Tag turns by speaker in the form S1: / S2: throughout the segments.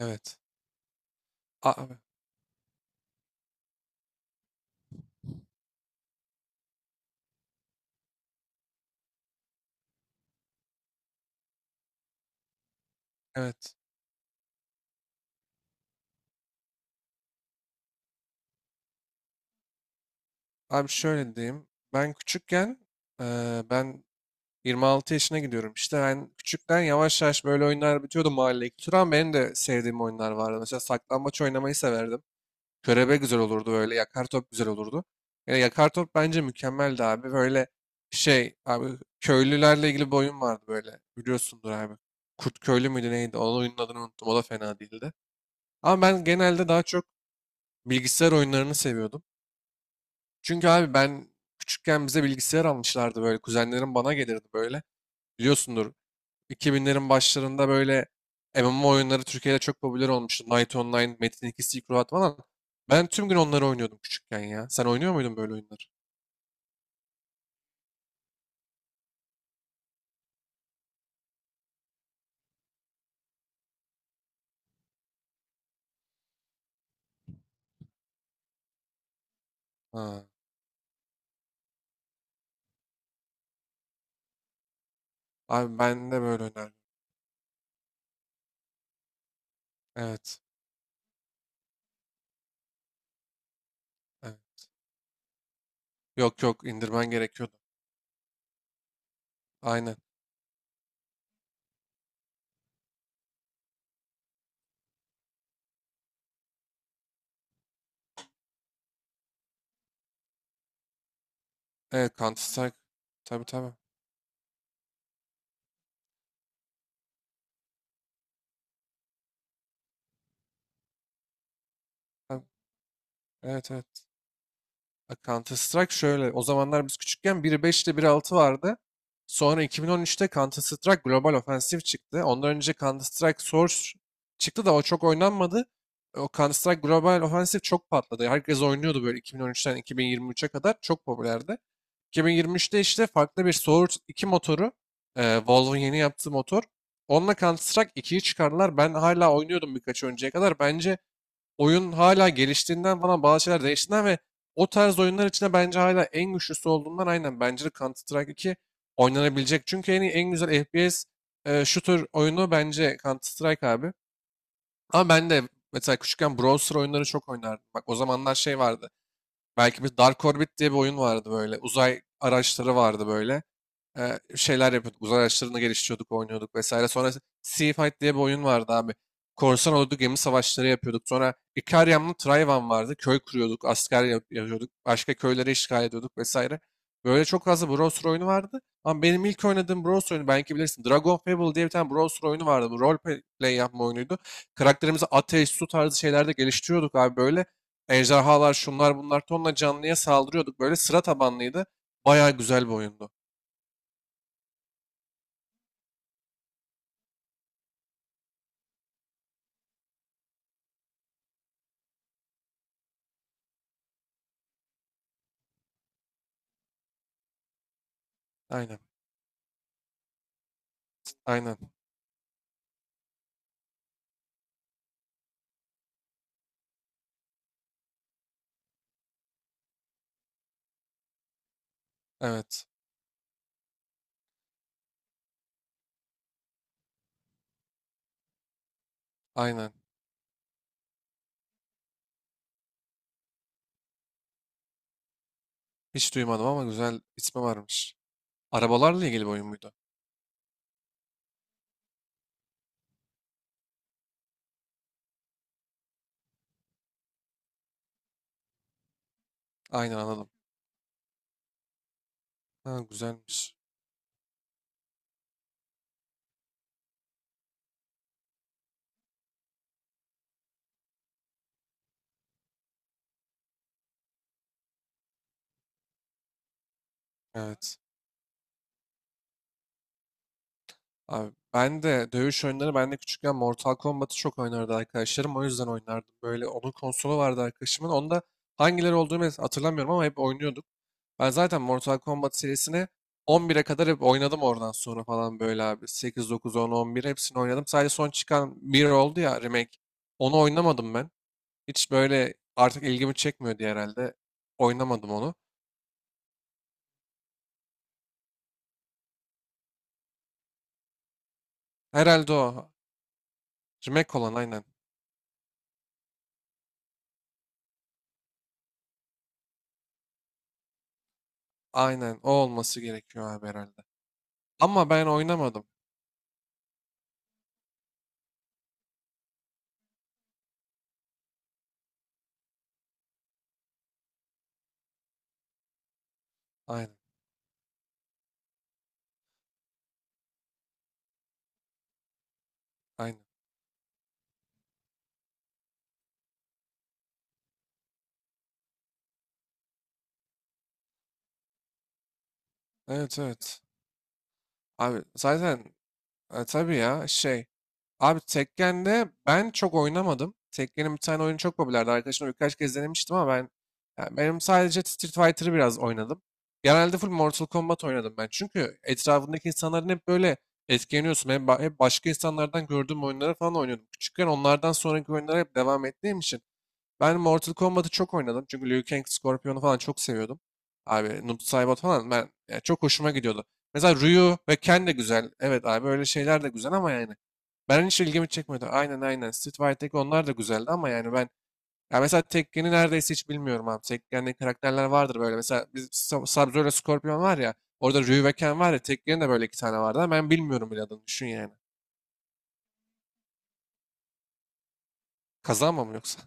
S1: Evet. Abi, evet. Abi şöyle diyeyim. Ben küçükken ben 26 yaşına gidiyorum. İşte ben küçükken yavaş yavaş böyle oyunlar bitiyordu mahalleye. Turan benim de sevdiğim oyunlar vardı. Mesela saklambaç oynamayı severdim. Körebe güzel olurdu böyle. Yakar top güzel olurdu. Yani yakar top bence mükemmeldi abi. Böyle şey abi, köylülerle ilgili bir oyun vardı böyle. Biliyorsundur abi. Kurt köylü müydü neydi? Onun oyunun adını unuttum. O da fena değildi. Ama ben genelde daha çok bilgisayar oyunlarını seviyordum. Çünkü abi ben küçükken bize bilgisayar almışlardı böyle. Kuzenlerim bana gelirdi böyle. Biliyorsundur, 2000'lerin başlarında böyle MMO oyunları Türkiye'de çok popüler olmuştu. Knight Online, Metin 2, Silk Road falan. Ben tüm gün onları oynuyordum küçükken ya. Sen oynuyor muydun böyle oyunları? Ha. Abi ben de böyle oynardım. Evet. Evet. Yok yok, indirmen gerekiyordu. Aynen. Evet, Counter Strike. Tabii tabii. Tabii. Evet evet. Bak, Counter Strike şöyle. O zamanlar biz küçükken 1.5 ile biri altı vardı. Sonra 2013'te Counter Strike Global Offensive çıktı. Ondan önce Counter Strike Source çıktı da o çok oynanmadı. O Counter Strike Global Offensive çok patladı. Herkes oynuyordu böyle 2013'ten 2023'e kadar. Çok popülerdi. 2023'te işte farklı bir Source 2 motoru. Valve'ın yeni yaptığı motor. Onunla Counter Strike 2'yi çıkardılar. Ben hala oynuyordum birkaç önceye kadar. Bence oyun hala geliştiğinden falan, bazı şeyler değiştiğinden ve o tarz oyunlar içinde bence hala en güçlüsü olduğundan, aynen, bence de Counter-Strike 2 oynanabilecek. Çünkü en iyi, en güzel FPS shooter oyunu bence Counter-Strike abi. Ama ben de mesela küçükken browser oyunları çok oynardım. Bak, o zamanlar şey vardı. Belki bir Dark Orbit diye bir oyun vardı böyle. Uzay araçları vardı böyle, şeyler yapıyorduk. Uzay araçlarını geliştiriyorduk, oynuyorduk vesaire. Sonra Sea Fight diye bir oyun vardı abi. Korsan oldu, gemi savaşları yapıyorduk. Sonra Ikariam'la Trayvan vardı. Köy kuruyorduk, asker yapıyorduk. Başka köyleri işgal ediyorduk vesaire. Böyle çok fazla browser oyunu vardı. Ama benim ilk oynadığım browser oyunu belki bilirsin. Dragon Fable diye bir tane browser oyunu vardı. Bu role play yapma oyunuydu. Karakterimizi ateş, su tarzı şeylerde geliştiriyorduk abi böyle. Ejderhalar, şunlar bunlar, tonla canlıya saldırıyorduk. Böyle sıra tabanlıydı. Bayağı güzel bir oyundu. Aynen. Aynen. Evet. Aynen. Hiç duymadım ama güzel ismi varmış. Arabalarla ilgili bir oyun muydu? Aynen, anladım. Ha, güzelmiş. Evet. Abi, ben de küçükken Mortal Kombat'ı çok oynardı arkadaşlarım. O yüzden oynardım. Böyle onun konsolu vardı arkadaşımın. Onda hangileri olduğunu hatırlamıyorum ama hep oynuyorduk. Ben zaten Mortal Kombat serisini 11'e kadar hep oynadım, oradan sonra falan böyle abi. 8, 9, 10, 11 hepsini oynadım. Sadece son çıkan bir oldu ya, remake. Onu oynamadım ben. Hiç böyle artık ilgimi çekmiyor diye herhalde. Oynamadım onu. Herhalde o. Remake olan, aynen. Aynen, o olması gerekiyor abi herhalde. Ama ben oynamadım. Aynen. Aynen. Evet evet. Abi zaten, tabii ya, şey abi, Tekken'de ben çok oynamadım. Tekken'in bir tane oyunu çok popülerdi. Arkadaşımla birkaç kez denemiştim ama yani benim sadece Street Fighter'ı biraz oynadım. Genelde full Mortal Kombat oynadım ben. Çünkü etrafındaki insanların hep böyle, etkileniyorsun. Hep başka insanlardan gördüğüm oyunları falan oynuyordum. Küçükken onlardan sonraki oyunlara hep devam ettiğim için ben Mortal Kombat'ı çok oynadım. Çünkü Liu Kang, Scorpion'u falan çok seviyordum. Abi Noob Saibot falan, ben yani, çok hoşuma gidiyordu. Mesela Ryu ve Ken de güzel. Evet abi, öyle şeyler de güzel ama yani ben, hiç ilgimi çekmedi. Aynen aynen. Street Fighter'daki onlar da güzeldi ama yani ben, ya mesela Tekken'i neredeyse hiç bilmiyorum abi. Tekken'de karakterler vardır böyle. Mesela biz, Sub-Zero ile Scorpion var ya. Orada Ryu ve Ken var ya. Tekken'in de böyle iki tane vardı ama ben bilmiyorum bile adını. Düşün yani. Kazanma mı yoksa?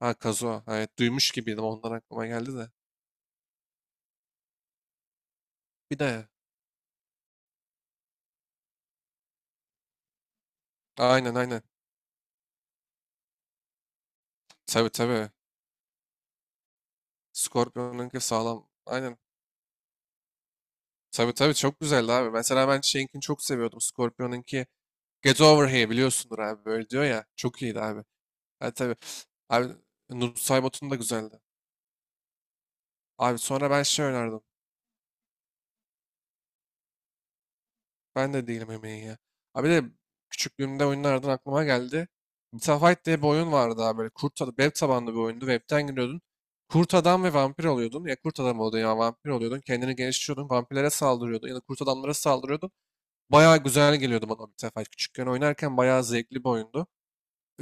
S1: Ha, Kazuha. Evet, duymuş gibiydim. Ondan aklıma geldi de. Bir de. Aynen aynen. Tabii tabii. Scorpion'unki sağlam. Aynen. Tabii tabii, çok güzeldi abi. Mesela ben şeyinkini çok seviyordum. Scorpion'unki, Get Over Here, biliyorsundur abi. Böyle diyor ya. Çok iyiydi abi. Ha tabii. Abi Nusaybot'un da güzeldi. Abi sonra ben şey oynardım. Ben de değilim emeği ya. Abi de, küçüklüğümde oyunlardan aklıma geldi. Metafight diye bir oyun vardı abi böyle. Kurt adam, web tabanlı bir oyundu. Webten giriyordun. Kurt adam ve vampir oluyordun. Ya kurt adam oluyordun ya vampir oluyordun. Kendini geliştiriyordun. Vampirlere saldırıyordun. Ya da kurt adamlara saldırıyordun. Bayağı güzel geliyordu bana Metafight. Küçükken oynarken bayağı zevkli bir oyundu.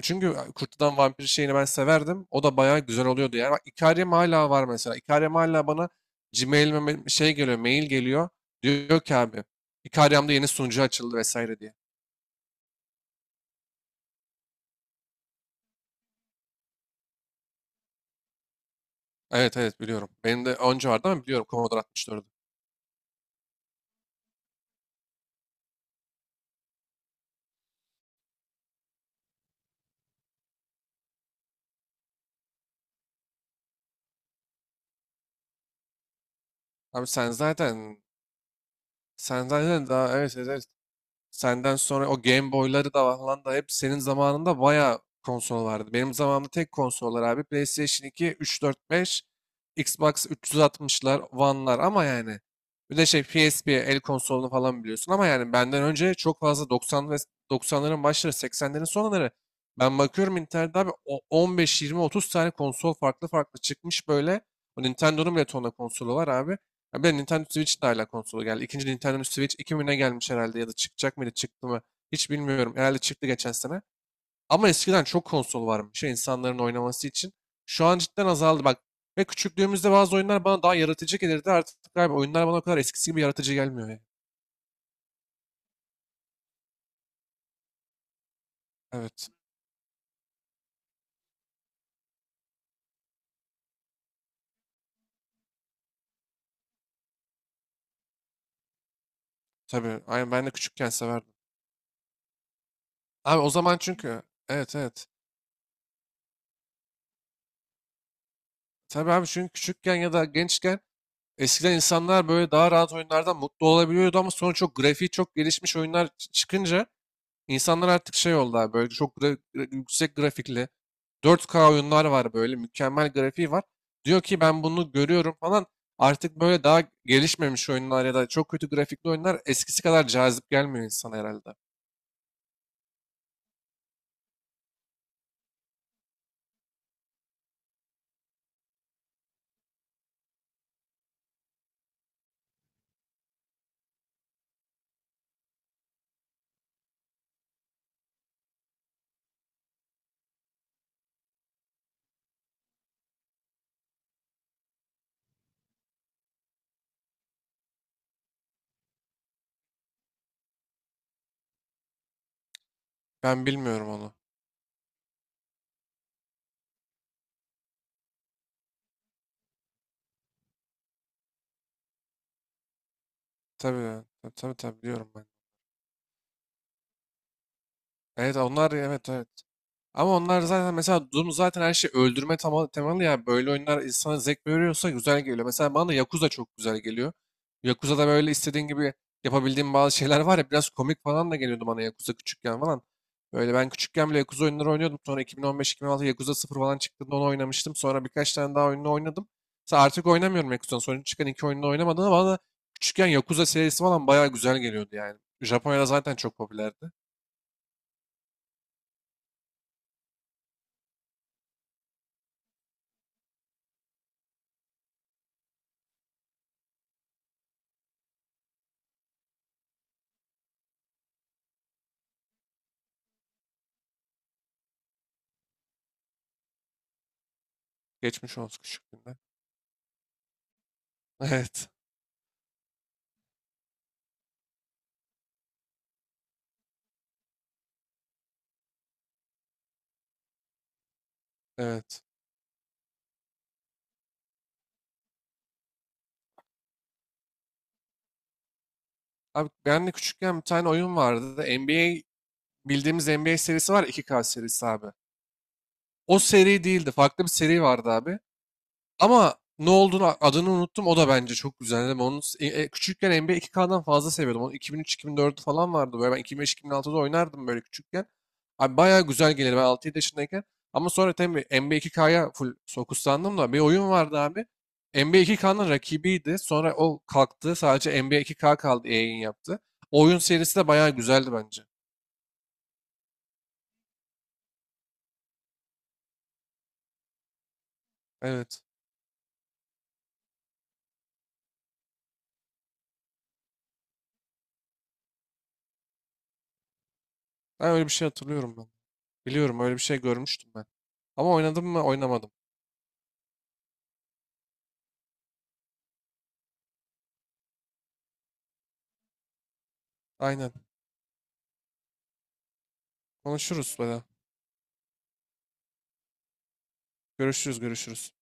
S1: Çünkü Kurt'tan Vampir şeyini ben severdim. O da bayağı güzel oluyordu yani. Bak, Ikariam hala var mesela. Ikariam hala bana Gmail'ime mail geliyor. Diyor ki abi, Ikariam'da yeni sunucu açıldı vesaire diye. Evet evet, biliyorum. Benim de önce vardı ama biliyorum Commodore 64'ü. Abi sen zaten daha, evet evet, evet. Senden sonra o Game Boy'ları da falan da, hep senin zamanında bayağı konsol vardı. Benim zamanımda tek konsollar abi PlayStation 2, 3, 4, 5, Xbox 360'lar, One'lar, ama yani bir de şey, PSP el konsolunu falan biliyorsun, ama yani benden önce çok fazla, 90 ve 90'ların başları, 80'lerin sonları, ben bakıyorum internette abi, 15, 20, 30 tane konsol farklı farklı çıkmış böyle. O Nintendo'nun bile tonla konsolu var abi. Ya bir de Nintendo Switch de hala konsola geldi. İkinci Nintendo Switch 2000'e gelmiş herhalde, ya da çıkacak mıydı, çıktı mı, hiç bilmiyorum. Herhalde çıktı geçen sene. Ama eskiden çok konsol varmış ya insanların oynaması için. Şu an cidden azaldı bak. Ve küçüklüğümüzde bazı oyunlar bana daha yaratıcı gelirdi. Artık galiba oyunlar bana o kadar eskisi gibi yaratıcı gelmiyor ya. Evet. Tabii. Aynen, ben de küçükken severdim. Abi o zaman çünkü, evet evet. Tabii abi, çünkü küçükken ya da gençken, eskiden insanlar böyle daha rahat oyunlardan mutlu olabiliyordu ama sonra çok grafiği, çok gelişmiş oyunlar çıkınca İnsanlar artık şey oldu abi, böyle çok yüksek grafikli, 4K oyunlar var böyle, mükemmel grafiği var. Diyor ki ben bunu görüyorum falan. Artık böyle daha gelişmemiş oyunlar ya da çok kötü grafikli oyunlar eskisi kadar cazip gelmiyor insana herhalde. Ben bilmiyorum onu. Tabii tabii tabii, tabii biliyorum ben. Evet, onlar, evet evet. Ama onlar zaten, mesela Doom zaten her şey öldürme temalı ya. Böyle oyunlar insana zevk veriyorsa güzel geliyor. Mesela bana da Yakuza çok güzel geliyor. Yakuza'da böyle istediğin gibi yapabildiğim bazı şeyler var ya, biraz komik falan da geliyordu bana Yakuza küçükken falan. Böyle ben küçükken bile Yakuza oyunları oynuyordum. Sonra 2015-2016 Yakuza 0 falan çıktığında onu oynamıştım. Sonra birkaç tane daha oyununu oynadım. Mesela artık oynamıyorum Yakuza'nın. Sonra çıkan iki oyununu oynamadım ama bana da küçükken Yakuza serisi falan bayağı güzel geliyordu yani. Japonya'da zaten çok popülerdi. Geçmiş olsun küçüklüğünden. Evet. Evet. Abi ben de küçükken bir tane oyun vardı. NBA, bildiğimiz NBA serisi var ya, 2K serisi abi. O seri değildi. Farklı bir seri vardı abi. Ama ne olduğunu, adını unuttum. O da bence çok güzeldi. Ben onu, küçükken, NBA 2K'dan fazla seviyordum. Onu 2003-2004 falan vardı. Böyle ben 2005-2006'da oynardım böyle küçükken. Abi bayağı güzel gelirdi ben 6-7 yaşındayken. Ama sonra tabii NBA 2K'ya full fokuslandım da, bir oyun vardı abi. NBA 2K'nın rakibiydi. Sonra o kalktı. Sadece NBA 2K kaldı. Yayın yaptı. O oyun serisi de bayağı güzeldi bence. Evet. Ben öyle bir şey hatırlıyorum ben. Biliyorum, öyle bir şey görmüştüm ben. Ama oynadım mı? Oynamadım. Aynen. Konuşuruz böyle. Görüşürüz, görüşürüz.